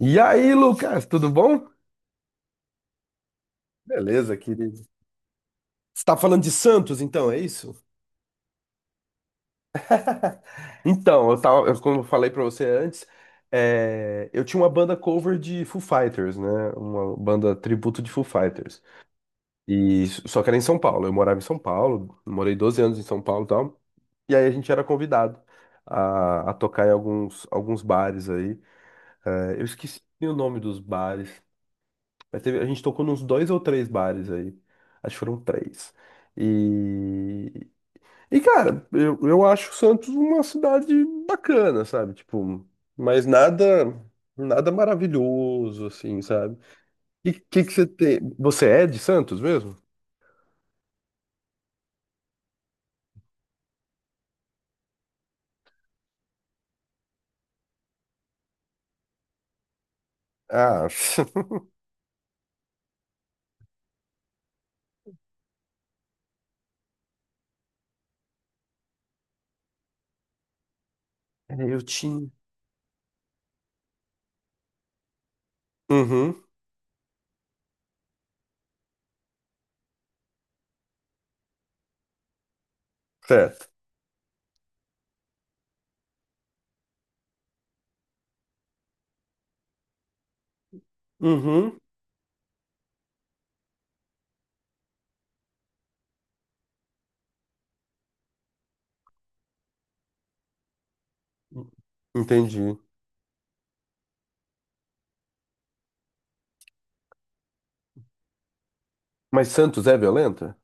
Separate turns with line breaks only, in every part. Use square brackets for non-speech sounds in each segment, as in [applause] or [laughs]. E aí, Lucas, tudo bom? Beleza, querido. Você está falando de Santos, então, é isso? Então, como eu falei pra você antes, é, eu tinha uma banda cover de Foo Fighters, né? Uma banda tributo de Foo Fighters. E só que era em São Paulo. Eu morava em São Paulo, morei 12 anos em São Paulo, e tal. E aí a gente era convidado a tocar em alguns bares aí. É, eu esqueci o nome dos bares. A gente tocou nos dois ou três bares aí. Acho que foram três. E, e cara, eu acho Santos uma cidade bacana, sabe? Tipo, mas nada nada maravilhoso, assim, sabe? E o que que você tem? Você é de Santos mesmo? Ah, [laughs] eu tinha. Uhum, certo. Uhum, entendi. Mas Santos é violenta?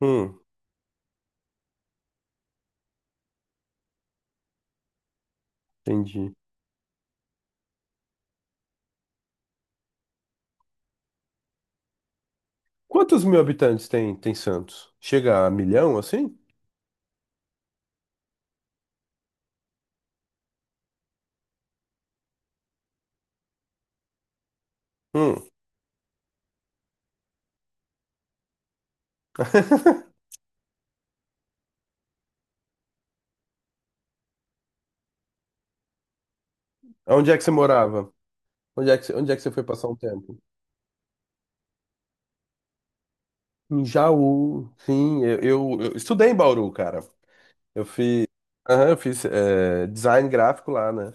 Hum, entendi. Quantos mil habitantes tem Santos? Chega a milhão, assim? Hum. Onde é que você morava? Onde é que você foi passar um tempo? Em Jaú. Sim, eu estudei em Bauru, cara. Eu fiz. Aham. Eu fiz design gráfico lá, né?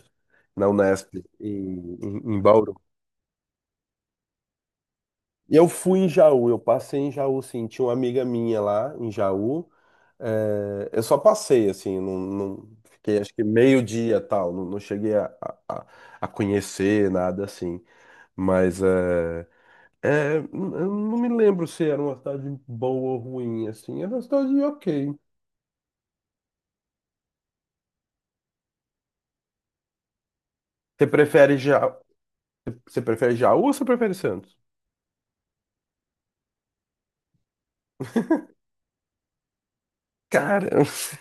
Na Unesp, em Bauru. E eu fui em Jaú, eu passei em Jaú, sim. Tinha uma amiga minha lá em Jaú. Eu só passei, assim, não, não fiquei acho que meio dia tal, não, não cheguei a conhecer nada assim. Mas, é, eu não me lembro se era uma cidade boa ou ruim, assim. Era uma cidade ok. Você prefere já, você prefere Jaú ou você prefere Santos? Cara, [laughs]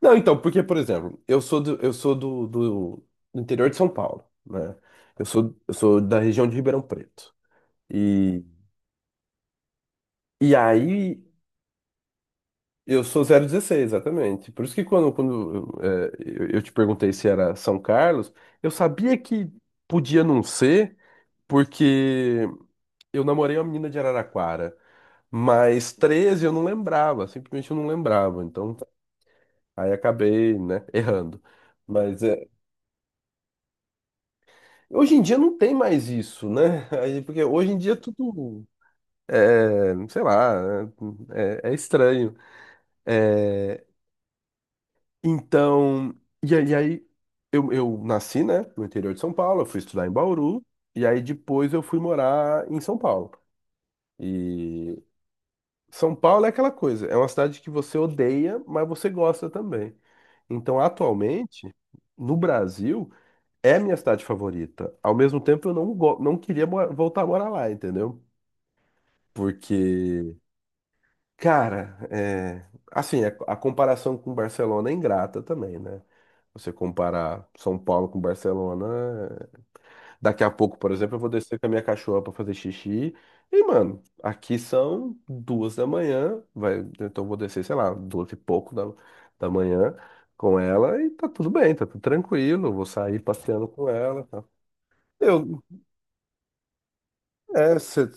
não, então, porque, por exemplo, eu sou do interior de São Paulo, né? Eu sou da região de Ribeirão Preto. E, e aí, eu sou 016 exatamente. Por isso que quando eu te perguntei se era São Carlos, eu sabia que podia não ser, porque eu namorei uma menina de Araraquara, mas 13 eu não lembrava, simplesmente eu não lembrava. Então, aí acabei, né, errando. Mas é, hoje em dia não tem mais isso, né? [laughs] Aí, porque hoje em dia tudo é, sei lá, é estranho. É, então, e aí eu nasci, né, no interior de São Paulo, eu fui estudar em Bauru, e aí depois eu fui morar em São Paulo. E São Paulo é aquela coisa, é uma cidade que você odeia, mas você gosta também. Então, atualmente, no Brasil, é a minha cidade favorita. Ao mesmo tempo, eu não, não queria voltar a morar lá, entendeu? Porque, cara, é, assim, a comparação com Barcelona é ingrata também, né? Você comparar São Paulo com Barcelona. Daqui a pouco, por exemplo, eu vou descer com a minha cachorra pra fazer xixi. E, mano, aqui são 2 da manhã. Vai, então eu vou descer, sei lá, duas e pouco da manhã com ela e tá tudo bem, tá tudo tranquilo. Eu vou sair passeando com ela. Tá. Eu, você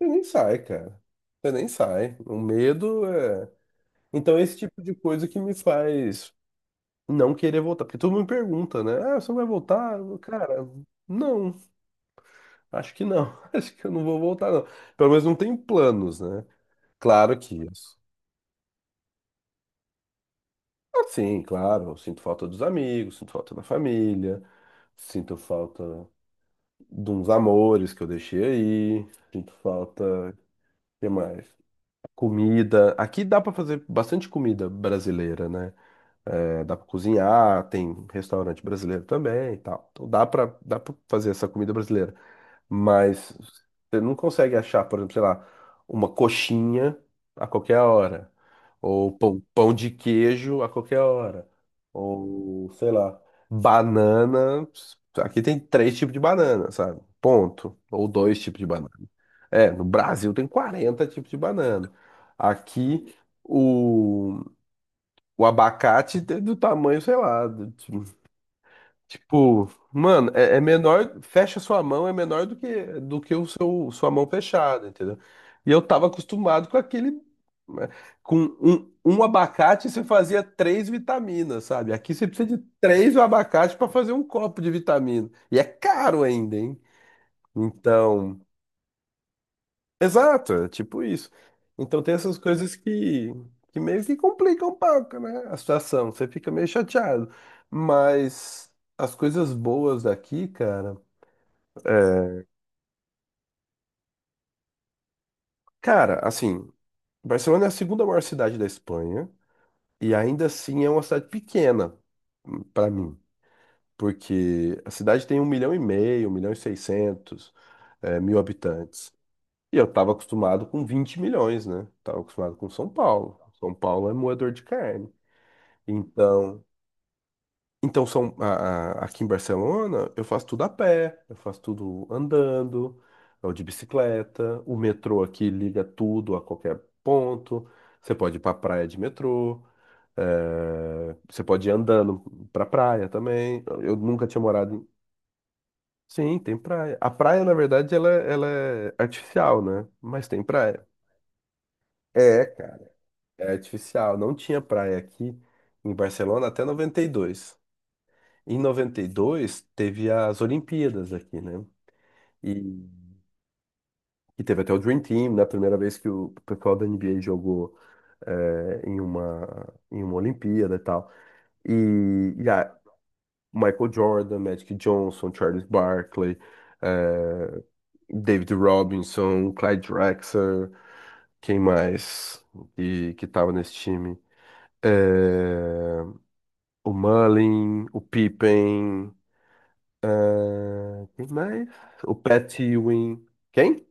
nem sai, cara. Você nem sai. O medo é. Então, esse tipo de coisa que me faz não querer voltar. Porque todo mundo me pergunta, né? Ah, você não vai voltar? Cara, não. Acho que não. [laughs] Acho que eu não vou voltar, não. Pelo menos não tenho planos, né? Claro que isso. Ah, sim, claro. Eu sinto falta dos amigos, sinto falta da família, sinto falta de uns amores que eu deixei aí, sinto falta. O que mais? Comida. Aqui dá pra fazer bastante comida brasileira, né? É, dá pra cozinhar, tem restaurante brasileiro também e tal. Então dá para fazer essa comida brasileira. Mas você não consegue achar, por exemplo, sei lá, uma coxinha a qualquer hora, ou pão, pão de queijo a qualquer hora, ou sei lá, banana. Aqui tem três tipos de banana, sabe? Ponto. Ou dois tipos de banana. É, no Brasil tem 40 tipos de banana. Aqui o, o abacate é do tamanho, sei lá, tipo, mano, é menor, fecha sua mão é menor do que o seu sua mão fechada, entendeu? E eu tava acostumado com aquele né, com um abacate você fazia três vitaminas, sabe? Aqui você precisa de três abacates pra fazer um copo de vitamina. E é caro ainda, hein? Então, exato, é tipo isso. Então tem essas coisas que meio que complicam um pouco, né? A situação, você fica meio chateado. Mas as coisas boas daqui, cara. É, cara, assim, Barcelona é a segunda maior cidade da Espanha e ainda assim é uma cidade pequena pra mim, porque a cidade tem 1,5 milhão, um milhão e seiscentos mil habitantes. E eu tava acostumado com 20 milhões, né? Tava acostumado com São Paulo. São Paulo é moedor de carne. Então, então, aqui em Barcelona, eu faço tudo a pé, eu faço tudo andando, ou de bicicleta. O metrô aqui liga tudo a qualquer ponto. Você pode ir para praia de metrô, você pode ir andando para praia também. Eu nunca tinha morado em... Sim, tem praia. A praia, na verdade, ela é artificial, né? Mas tem praia. É, cara, é artificial. Não tinha praia aqui em Barcelona até 92. Em 92 teve as Olimpíadas aqui, né? E, e teve até o Dream Team, né? A primeira vez que o pessoal da NBA jogou eh, em uma, em uma Olimpíada e tal. E a Michael Jordan, Magic Johnson, Charles Barkley, eh, David Robinson, Clyde Drexler, quem mais que tava nesse time? Eh, o Mullin, o Pippen. Ah, quem mais? O Pat Ewing. Quem?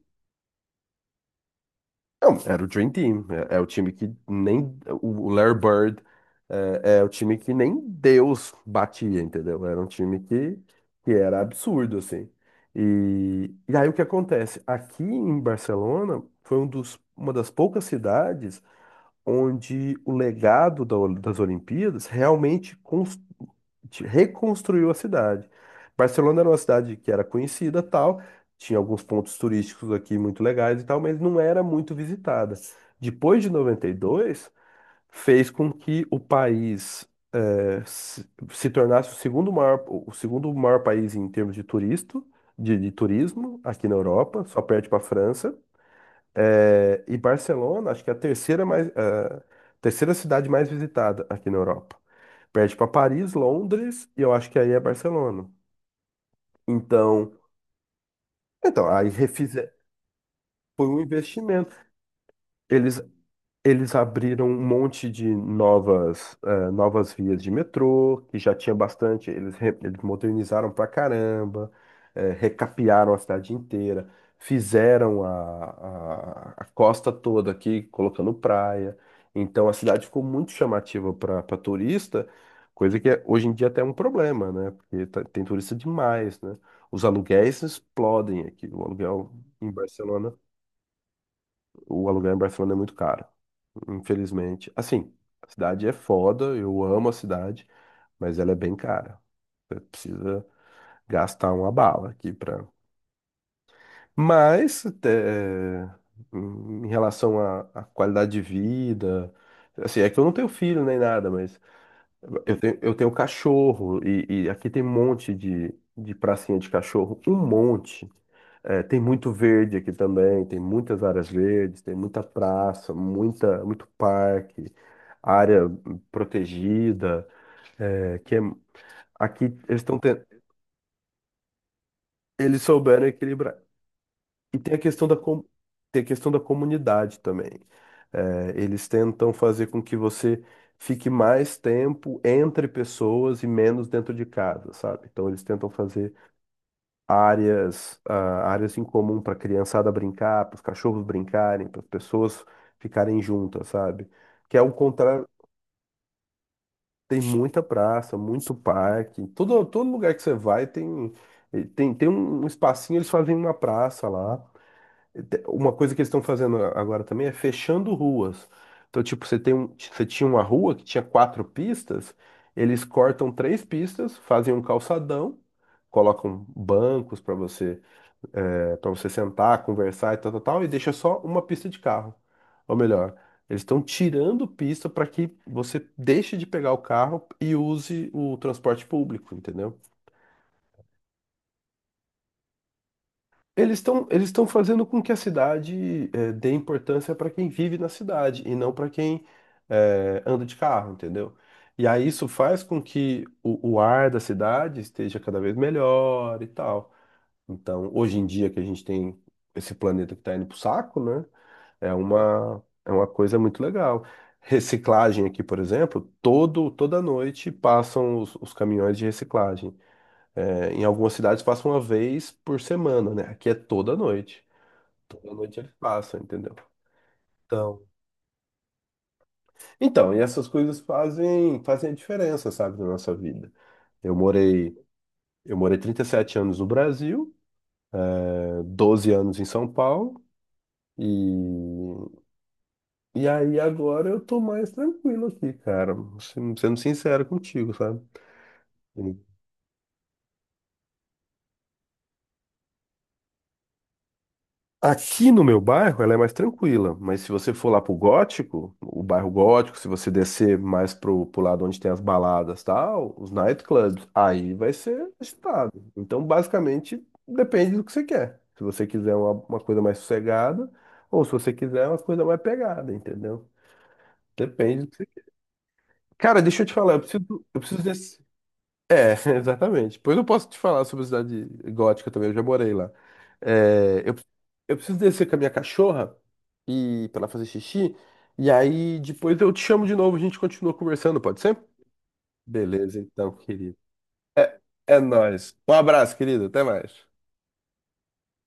Não, era o Dream Team. É o time que nem. O Larry Bird é o time que nem Deus batia, entendeu? Era um time que era absurdo, assim. E aí o que acontece? Aqui em Barcelona foi uma das poucas cidades onde o legado das Olimpíadas realmente reconstruiu a cidade. Barcelona era uma cidade que era conhecida, tal, tinha alguns pontos turísticos aqui muito legais e tal, mas não era muito visitada. Depois de 92, fez com que o país se tornasse o segundo maior país em termos de turista, de turismo aqui na Europa, só perde para a França. É, e Barcelona, acho que é a terceira mais, terceira cidade mais visitada aqui na Europa. Perde para Paris, Londres e eu acho que aí é Barcelona. Então, então aí refizer foi um investimento. Eles Eles abriram um monte de novas vias de metrô, que já tinha bastante, eles modernizaram pra caramba, recapearam a cidade inteira, fizeram a costa toda aqui, colocando praia. Então a cidade ficou muito chamativa para turista, coisa que hoje em dia até é um problema, né? Porque tem turista demais, né? Os aluguéis explodem aqui, o aluguel em Barcelona. O aluguel em Barcelona é muito caro, infelizmente. Assim, a cidade é foda, eu amo a cidade, mas ela é bem cara. Você precisa gastar uma bala aqui pra. Mas, é, em relação à qualidade de vida, assim, é que eu não tenho filho nem nada, mas eu tenho cachorro e aqui tem um monte de pracinha de cachorro, um monte. É, tem muito verde aqui também, tem muitas áreas verdes, tem muita praça, muita, muito parque, área protegida. É, aqui eles estão tendo, eles souberam equilibrar. E tem a questão da, com... tem a questão da comunidade também. Eles tentam fazer com que você fique mais tempo entre pessoas e menos dentro de casa, sabe? Então eles tentam fazer áreas em comum para a criançada brincar, para os cachorros brincarem, para as pessoas ficarem juntas, sabe? Que é o contrário, tem muita praça, muito parque, todo lugar que você vai tem, um espacinho, eles fazem uma praça lá. Uma coisa que eles estão fazendo agora também é fechando ruas. Então, tipo, você tinha uma rua que tinha quatro pistas, eles cortam três pistas, fazem um calçadão, colocam bancos para você, sentar, conversar e tal, tal, tal, e deixa só uma pista de carro. Ou melhor, eles estão tirando pista para que você deixe de pegar o carro e use o transporte público, entendeu? Eles estão fazendo com que a cidade dê importância para quem vive na cidade e não para quem anda de carro, entendeu? E aí isso faz com que o ar da cidade esteja cada vez melhor e tal. Então, hoje em dia que a gente tem esse planeta que está indo pro saco, né? É uma coisa muito legal. Reciclagem aqui, por exemplo, todo, toda noite passam os caminhões de reciclagem. É, em algumas cidades passa uma vez por semana, né? Aqui é toda noite. Toda noite eles passam, entendeu? Então, então, e essas coisas fazem, a diferença, sabe, na nossa vida. Eu morei, eu morei 37 anos no Brasil, 12 anos em São Paulo, e, e aí agora eu tô mais tranquilo aqui, cara. Sendo sincero contigo, sabe? Aqui no meu bairro ela é mais tranquila, mas se você for lá pro Gótico, o bairro Gótico, se você descer mais pro lado onde tem as baladas, e tal, os nightclubs, aí vai ser agitado. Então, basicamente, depende do que você quer. Se você quiser uma coisa mais sossegada, ou se você quiser uma coisa mais pegada, entendeu? Depende do que você... Cara, deixa eu te falar, eu preciso desse. É, [laughs] exatamente. Pois eu posso te falar sobre a cidade gótica também, eu já morei lá. É, eu preciso descer com a minha cachorra e para ela fazer xixi. E aí depois eu te chamo de novo, a gente continua conversando, pode ser? Beleza, então, querido. É, é nóis. Um abraço, querido. Até mais.